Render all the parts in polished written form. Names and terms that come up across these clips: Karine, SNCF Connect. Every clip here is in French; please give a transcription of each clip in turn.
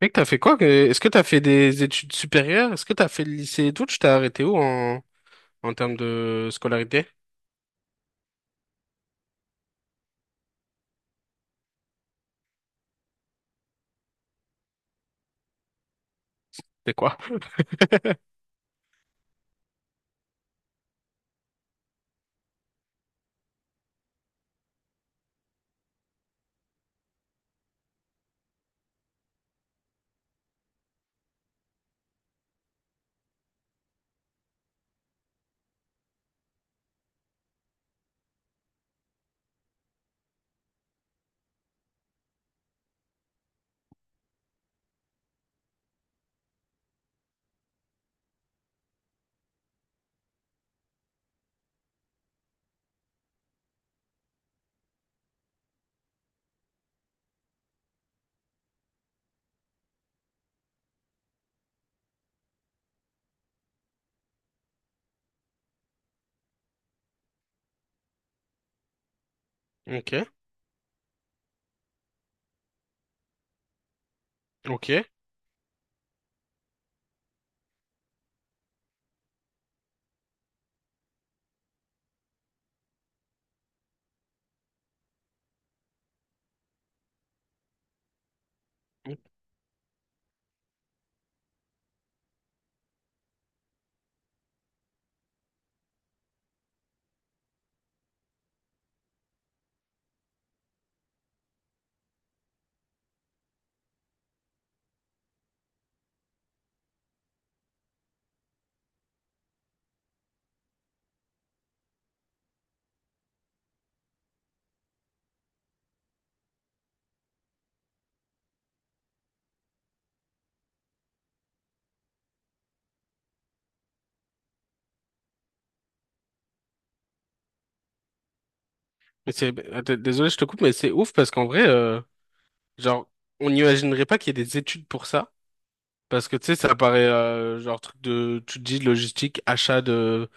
Mec, t'as fait quoi? Est-ce que t'as fait des études supérieures? Est-ce que t'as fait le lycée et tout? Tu t'es arrêté où en termes de scolarité? C'est quoi? Ok, ok. Mais c'est, attends, désolé, je te coupe, mais c'est ouf parce qu'en vrai, genre, on n'imaginerait pas qu'il y ait des études pour ça. Parce que tu sais, ça paraît genre truc de, tu te dis logistique, achat de,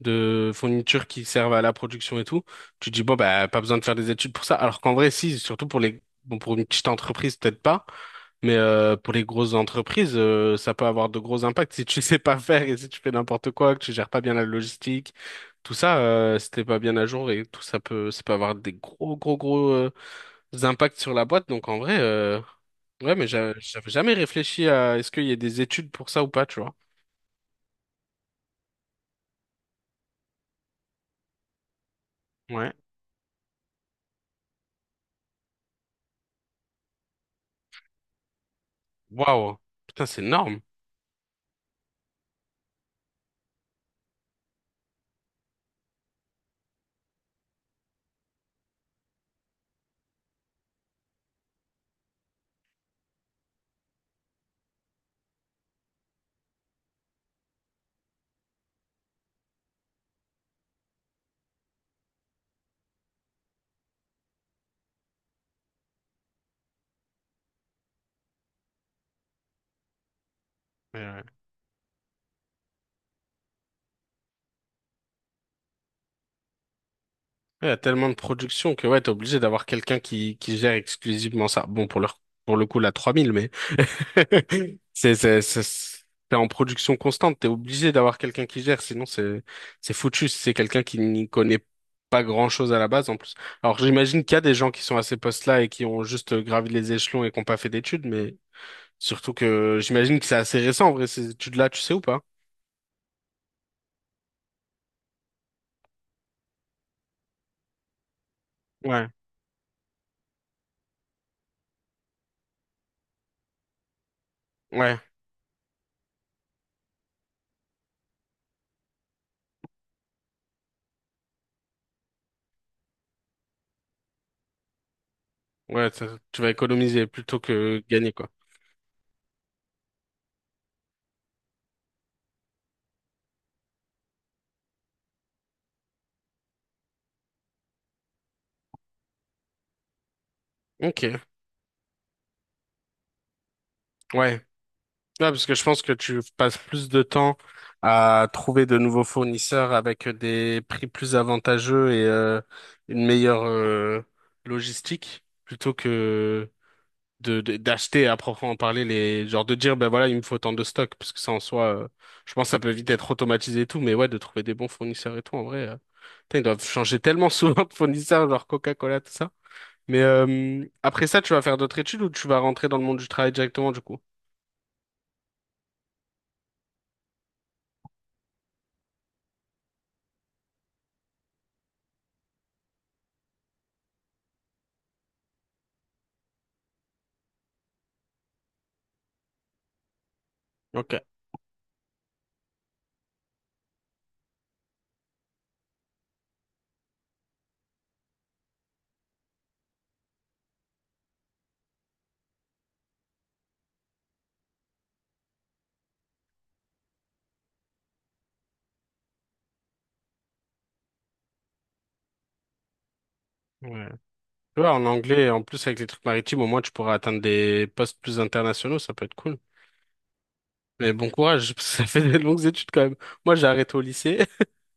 de fournitures qui servent à la production et tout, tu te dis bon bah pas besoin de faire des études pour ça. Alors qu'en vrai si, surtout pour les bon pour une petite entreprise peut-être pas, mais pour les grosses entreprises ça peut avoir de gros impacts si tu sais pas faire et si tu fais n'importe quoi, que tu gères pas bien la logistique, tout ça si t'es pas bien à jour et tout ça peut avoir des gros gros gros impacts sur la boîte. Donc en vrai ouais mais j'avais jamais réfléchi à est-ce qu'il y a des études pour ça ou pas, tu vois. Ouais. Waouh. Putain, c'est énorme. Ouais, il y a tellement de production que ouais, t'es obligé d'avoir quelqu'un qui gère exclusivement ça. Bon, pour le coup, la 3 000 mais c'est, c'est, c'est, c'est- t'es en production constante, t'es obligé d'avoir quelqu'un qui gère, sinon c'est foutu si c'est quelqu'un qui n'y connaît pas grand-chose à la base, en plus. Alors, j'imagine qu'il y a des gens qui sont à ces postes-là et qui ont juste gravi les échelons et qui n'ont pas fait d'études, mais surtout que j'imagine que c'est assez récent, en vrai, ces études-là, tu sais ou pas? Ouais, ouais, ouais, tu vas économiser plutôt que gagner, quoi. Ok, ouais. Ouais, parce que je pense que tu passes plus de temps à trouver de nouveaux fournisseurs avec des prix plus avantageux et une meilleure logistique plutôt que d'acheter à proprement parler les genre de dire ben voilà il me faut tant de stock parce que ça en soi je pense que ça peut vite être automatisé et tout mais ouais de trouver des bons fournisseurs et tout en vrai putain, ils doivent changer tellement souvent de fournisseurs genre Coca-Cola tout ça mais après ça tu vas faire d'autres études ou tu vas rentrer dans le monde du travail directement du coup? Ok. Ouais. Tu vois, en anglais, en plus avec les trucs maritimes, au moins tu pourras atteindre des postes plus internationaux, ça peut être cool. Mais bon courage, parce que ça fait des longues études quand même. Moi, j'ai arrêté au lycée.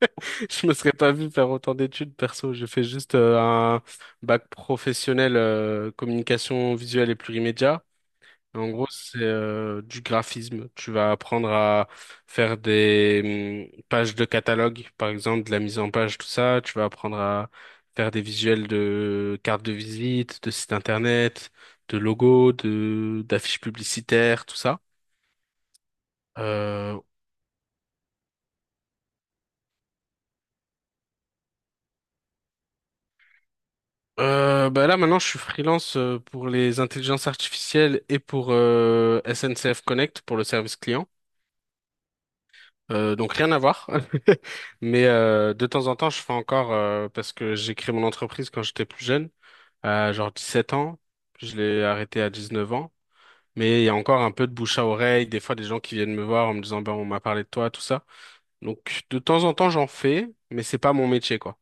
Je me serais pas vu faire autant d'études perso. J'ai fait juste un bac professionnel communication visuelle et plurimédia. En gros, c'est du graphisme. Tu vas apprendre à faire des pages de catalogue, par exemple, de la mise en page, tout ça. Tu vas apprendre à faire des visuels de cartes de visite, de sites internet, de logos, de d'affiches publicitaires, tout ça. Euh, bah là, maintenant, je suis freelance pour les intelligences artificielles et pour SNCF Connect, pour le service client. Donc rien à voir, mais de temps en temps je fais encore parce que j'ai créé mon entreprise quand j'étais plus jeune, à genre 7 ans, je l'ai arrêté à 19 ans, mais il y a encore un peu de bouche à oreille, des fois des gens qui viennent me voir en me disant ben on m'a parlé de toi, tout ça. Donc de temps en temps j'en fais, mais c'est pas mon métier quoi.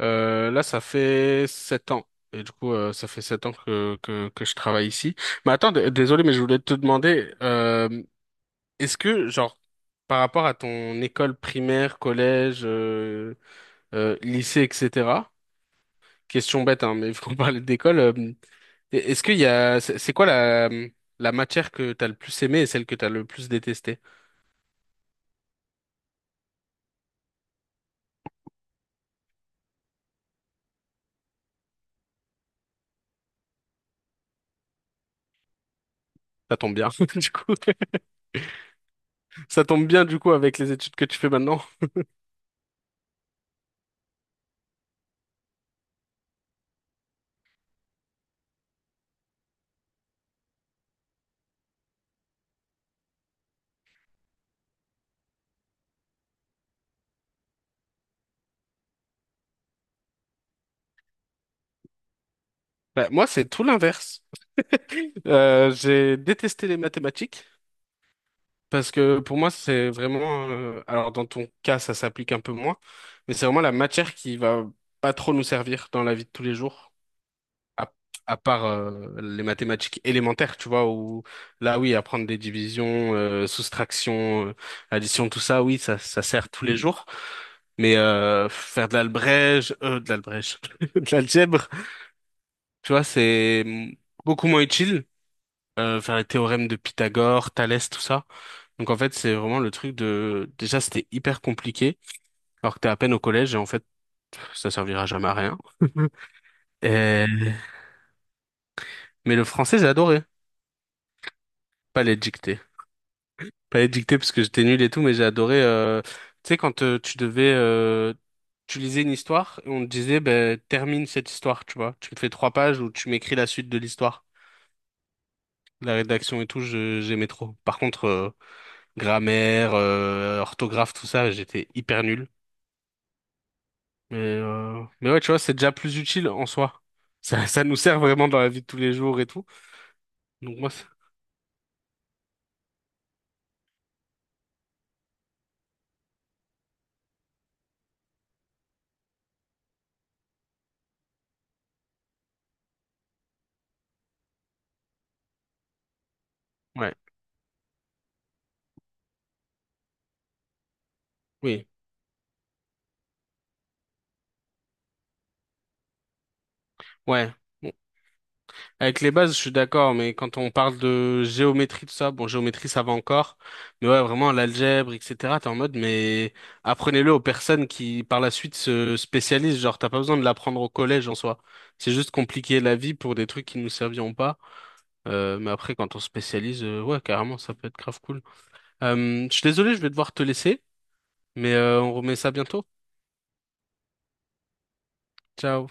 Là ça fait 7 ans. Et du coup, ça fait 7 ans que je travaille ici. Mais attends, désolé, mais je voulais te demander, est-ce que, genre, par rapport à ton école primaire, collège, lycée, etc., question bête, hein, mais il faut parler d'école, est-ce qu'il y a, c'est quoi la matière que t'as le plus aimée et celle que t'as le plus détestée? Ça tombe bien, du coup. Ça tombe bien, du coup, avec les études que tu fais maintenant. Bah, moi, c'est tout l'inverse. J'ai détesté les mathématiques. Parce que pour moi, c'est vraiment... alors dans ton cas, ça s'applique un peu moins, mais c'est vraiment la matière qui va pas trop nous servir dans la vie de tous les jours, à, à part les mathématiques élémentaires, tu vois, où là, oui, apprendre des divisions, soustractions, additions, tout ça, oui, ça sert tous les jours. Mais faire de l'albrège, de l'algèbre, tu vois, c'est beaucoup moins utile vers les théorèmes de Pythagore, Thalès, tout ça. Donc en fait, c'est vraiment le truc de... Déjà, c'était hyper compliqué, alors que t'es à peine au collège, et en fait, pff, ça servira jamais à rien. Et- Mais le français, j'ai adoré. Pas les dictées. Pas les dictées, parce que j'étais nul et tout, mais j'ai adoré... tu sais, quand tu devais... tu lisais une histoire, et on te disait, ben, termine cette histoire, tu vois. Tu me fais trois pages où tu m'écris la suite de l'histoire. La rédaction et tout, j'aimais trop. Par contre, grammaire, orthographe, tout ça, j'étais hyper nul. Mais ouais, tu vois, c'est déjà plus utile en soi. Ça nous sert vraiment dans la vie de tous les jours et tout. Donc moi, ouais, oui, ouais. Bon. Avec les bases, je suis d'accord, mais quand on parle de géométrie, tout ça, bon, géométrie, ça va encore. Mais ouais, vraiment, l'algèbre, etc., t'es en mode, mais apprenez-le aux personnes qui, par la suite, se spécialisent. Genre, t'as pas besoin de l'apprendre au collège en soi. C'est juste compliquer la vie pour des trucs qui nous serviront pas. Mais après, quand on se spécialise, ouais, carrément, ça peut être grave cool. Je suis désolé, je vais devoir te laisser. Mais on remet ça bientôt. Ciao.